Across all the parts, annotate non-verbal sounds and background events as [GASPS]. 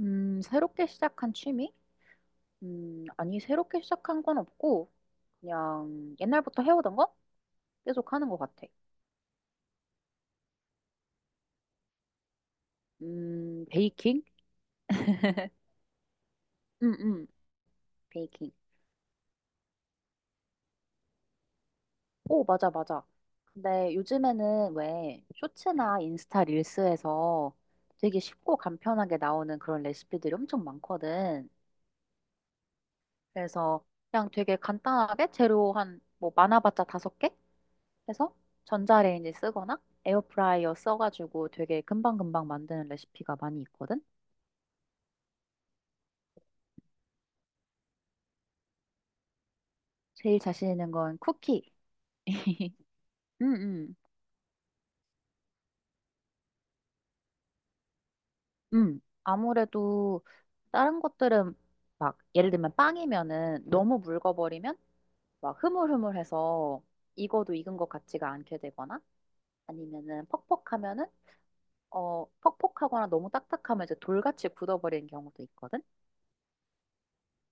새롭게 시작한 취미? 아니, 새롭게 시작한 건 없고, 그냥 옛날부터 해오던 거? 계속 하는 것 같아. 베이킹? [LAUGHS] 응, 응, 베이킹. 오, 맞아, 맞아. 근데 요즘에는 왜 쇼츠나 인스타 릴스에서 되게 쉽고 간편하게 나오는 그런 레시피들이 엄청 많거든. 그래서 그냥 되게 간단하게 재료 한, 뭐, 많아봤자 5개? 해서 전자레인지 쓰거나 에어프라이어 써가지고 되게 금방금방 만드는 레시피가 많이 있거든? 제일 자신 있는 건 쿠키. [LAUGHS] 음, 음, 아무래도 다른 것들은 막 예를 들면 빵이면은 너무 묽어버리면 막 흐물흐물해서 익어도 익은 것 같지가 않게 되거나 아니면은 퍽퍽하면은 퍽퍽하거나 너무 딱딱하면 이제 돌같이 굳어버리는 경우도 있거든.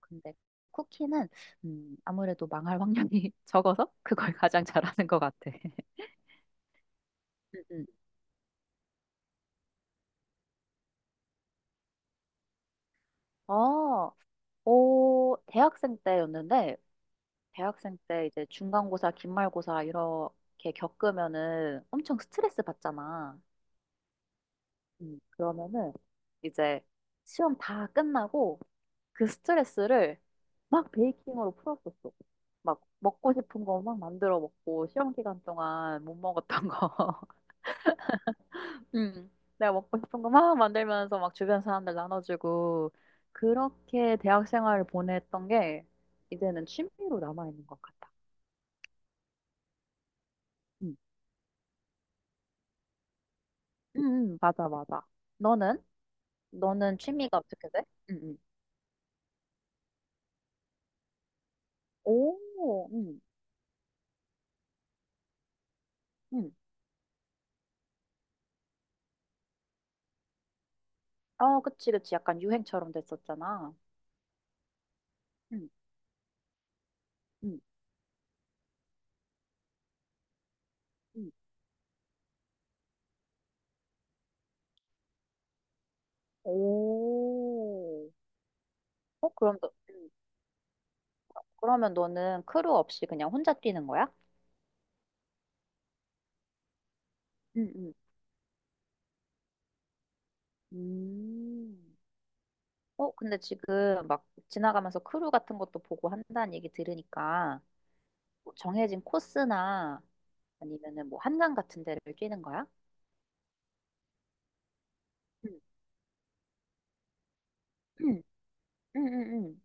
근데 쿠키는 아무래도 망할 확률이 [LAUGHS] 적어서 그걸 가장 잘하는 것 같아. [LAUGHS] 음, 음. 아, 오, 대학생 때였는데, 대학생 때 이제 중간고사, 기말고사 이렇게 겪으면은 엄청 스트레스 받잖아. 그러면은 이제 시험 다 끝나고 그 스트레스를 막 베이킹으로 풀었었어. 막 먹고 싶은 거 막 만들어 먹고, 시험 기간 동안 못 먹었던 거. [LAUGHS] 응. 내가 먹고 싶은 거 막 만들면서 막 주변 사람들 나눠주고 그렇게 대학 생활을 보냈던 게 이제는 취미로 남아있는 것 같아. 응. 응, 응, 맞아, 맞아. 너는? 너는 취미가 어떻게 돼? 응, 응. 오, 응, 응. 어, 그치, 그치. 약간 유행처럼 됐었잖아. 응, 응, 응. 오. 어, 그럼 너, 응. 그러면 너는 크루 없이 그냥 혼자 뛰는 거야? 응, 응. 음. 어, 근데 지금 막 지나가면서 크루 같은 것도 보고 한다는 얘기 들으니까 뭐 정해진 코스나 아니면은 뭐 한강 같은 데를 뛰는 거야? 응, [CLEARS THROAT] 응, 응, 응.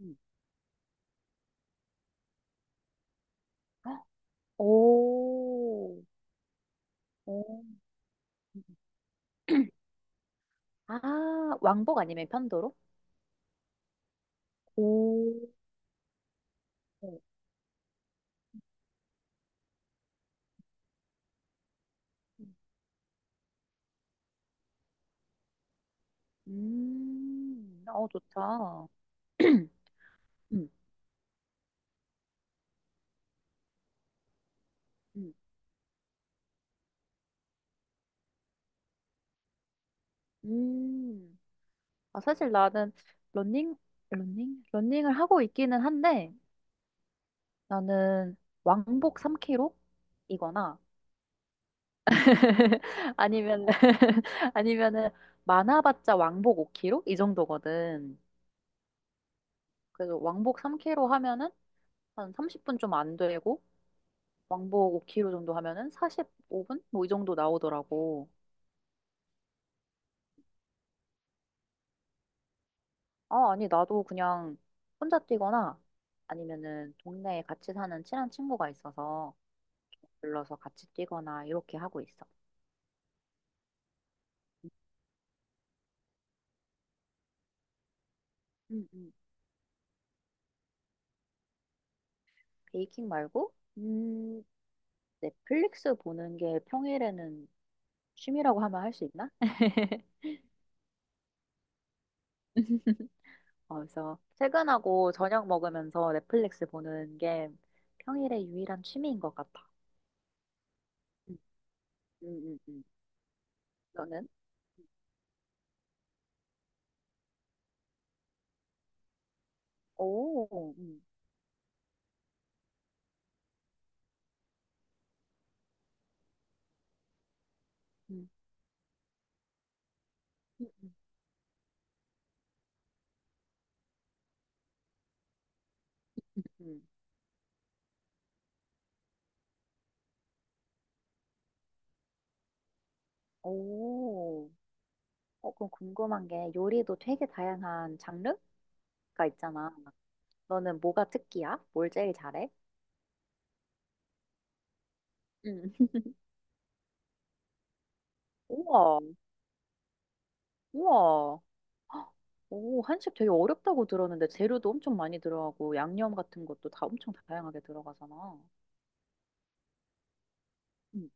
응. 응. 오, 오. 아, 왕복 아니면 편도로? 오, 어, 좋다. [CLEARS THROAT] 음, 응. 음. 아, 사실 나는 러닝, 러닝? 러닝을 하고 있기는 한데, 나는 왕복 3km? 이거나 [LAUGHS] 아니면 [LAUGHS] 아니면은 많아봤자 왕복 5km? 이 정도거든. 그래서 왕복 3km 하면은 한 30분 좀 안 되고 왕복 5km 정도 하면은 45분? 뭐 이 정도 나오더라고. 아, 아니 나도 그냥 혼자 뛰거나 아니면은 동네에 같이 사는 친한 친구가 있어서 불러서 같이 뛰거나 이렇게 하고 있어. 음, 음. 베이킹 말고? 넷플릭스 보는 게 평일에는 취미라고 하면 할 수 있나? [LAUGHS] 어, 그래서 퇴근하고 저녁 먹으면서 넷플릭스 보는 게 평일의 유일한 취미인 것 같아. 음, 음. 너는? 오, 음, 음, 음, 음. 오. 어, 그럼 궁금한 게 요리도 되게 다양한 장르가 있잖아. 너는 뭐가 특기야? 뭘 제일 잘해? 음. [LAUGHS] 우와, 우와. 오, 한식 되게 어렵다고 들었는데 재료도 엄청 많이 들어가고 양념 같은 것도 다 엄청 다양하게 들어가잖아. 응,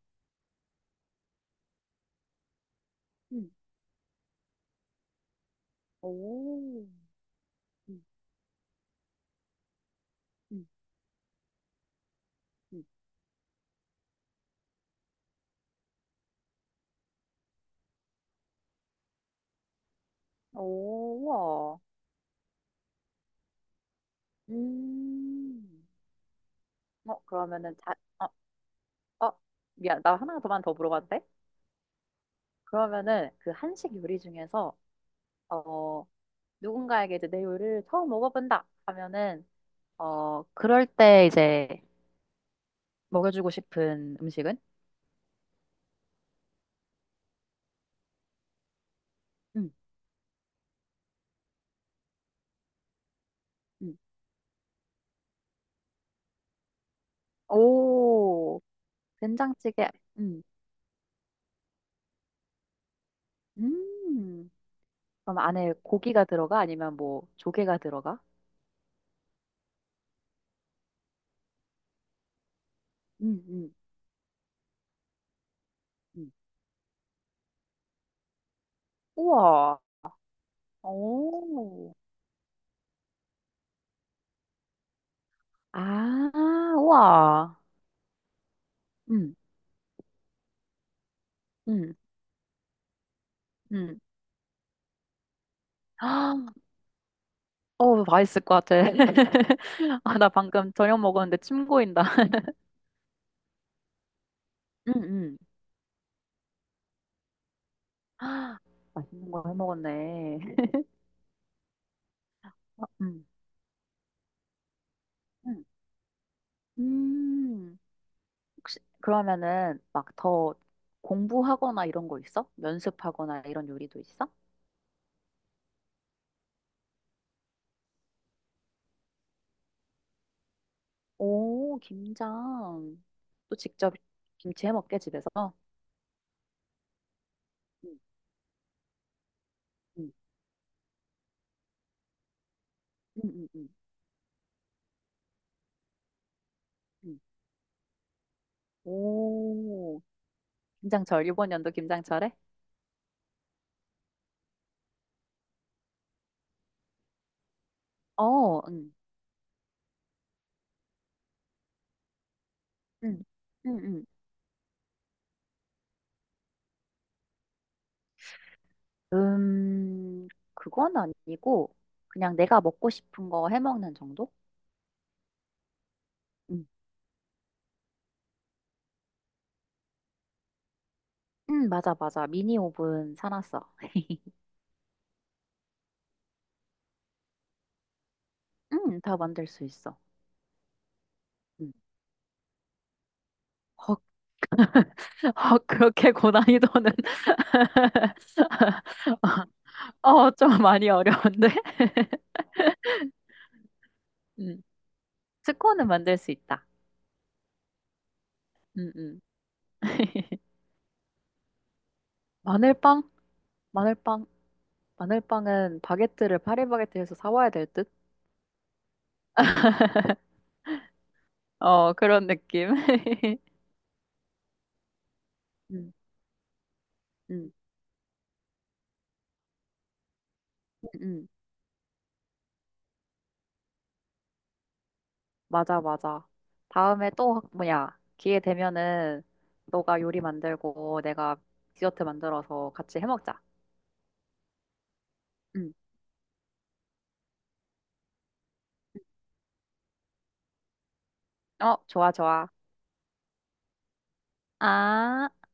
응. 오, 응, 응, 응. 오, 와. 음. 어, 그러면은 자, 어, 어, 미안, 나 하나만 더 물어봐도 돼? 그러면은 그 한식 요리 중에서 어 누군가에게 이제 내 요리를 처음 먹어본다 하면은 그럴 때 이제 먹여주고 싶은 음식은? 응. 응, 오, 된장찌개. 음. 음. 그럼 안에 고기가 들어가? 아니면 뭐 조개가 들어가? 음, 음, 음. 우와. 오. 아, 우와. 음, 음, 음. [GASPS] 아, 맛있을 것 같아. [LAUGHS] 아, 나 방금 저녁 먹었는데 침 고인다. [LAUGHS] 음. [GASPS] 아, 맛있는 거 해먹었네. [LAUGHS] 어, 음. 음. 혹시 그러면은 막 더 공부하거나 이런 거 있어? 연습하거나 이런 요리도 있어? 오, 김장. 또 직접 김치 해 먹게, 집에서? 응, 응, 응, 응, 응. 응. 오, 김장철. 이번 연도 김장철에? 어, 응, 응, 응, 응. 그건 아니고, 그냥 내가 먹고 싶은 거 해 먹는 정도? 응, 응, 맞아, 맞아. 미니 오븐 사놨어. 응, 다 만들 수 있어. 응. 헉, [LAUGHS] 그렇게 고난이도는, [LAUGHS] 어, 좀 많이 어려운데? [LAUGHS] 스콘은 만들 수 있다. 음, 음. [LAUGHS] 마늘빵? 마늘빵? 마늘빵은 바게트를 파리바게트에서 사와야 될 듯? 어, 그런 느낌. [LAUGHS] 음, 음, 음, 음. 맞아, 맞아. 다음에 또, 뭐야, 기회 되면은, 너가 요리 만들고, 내가 디저트 만들어서 같이 해먹자. 음. 어, 좋아, 좋아. 아.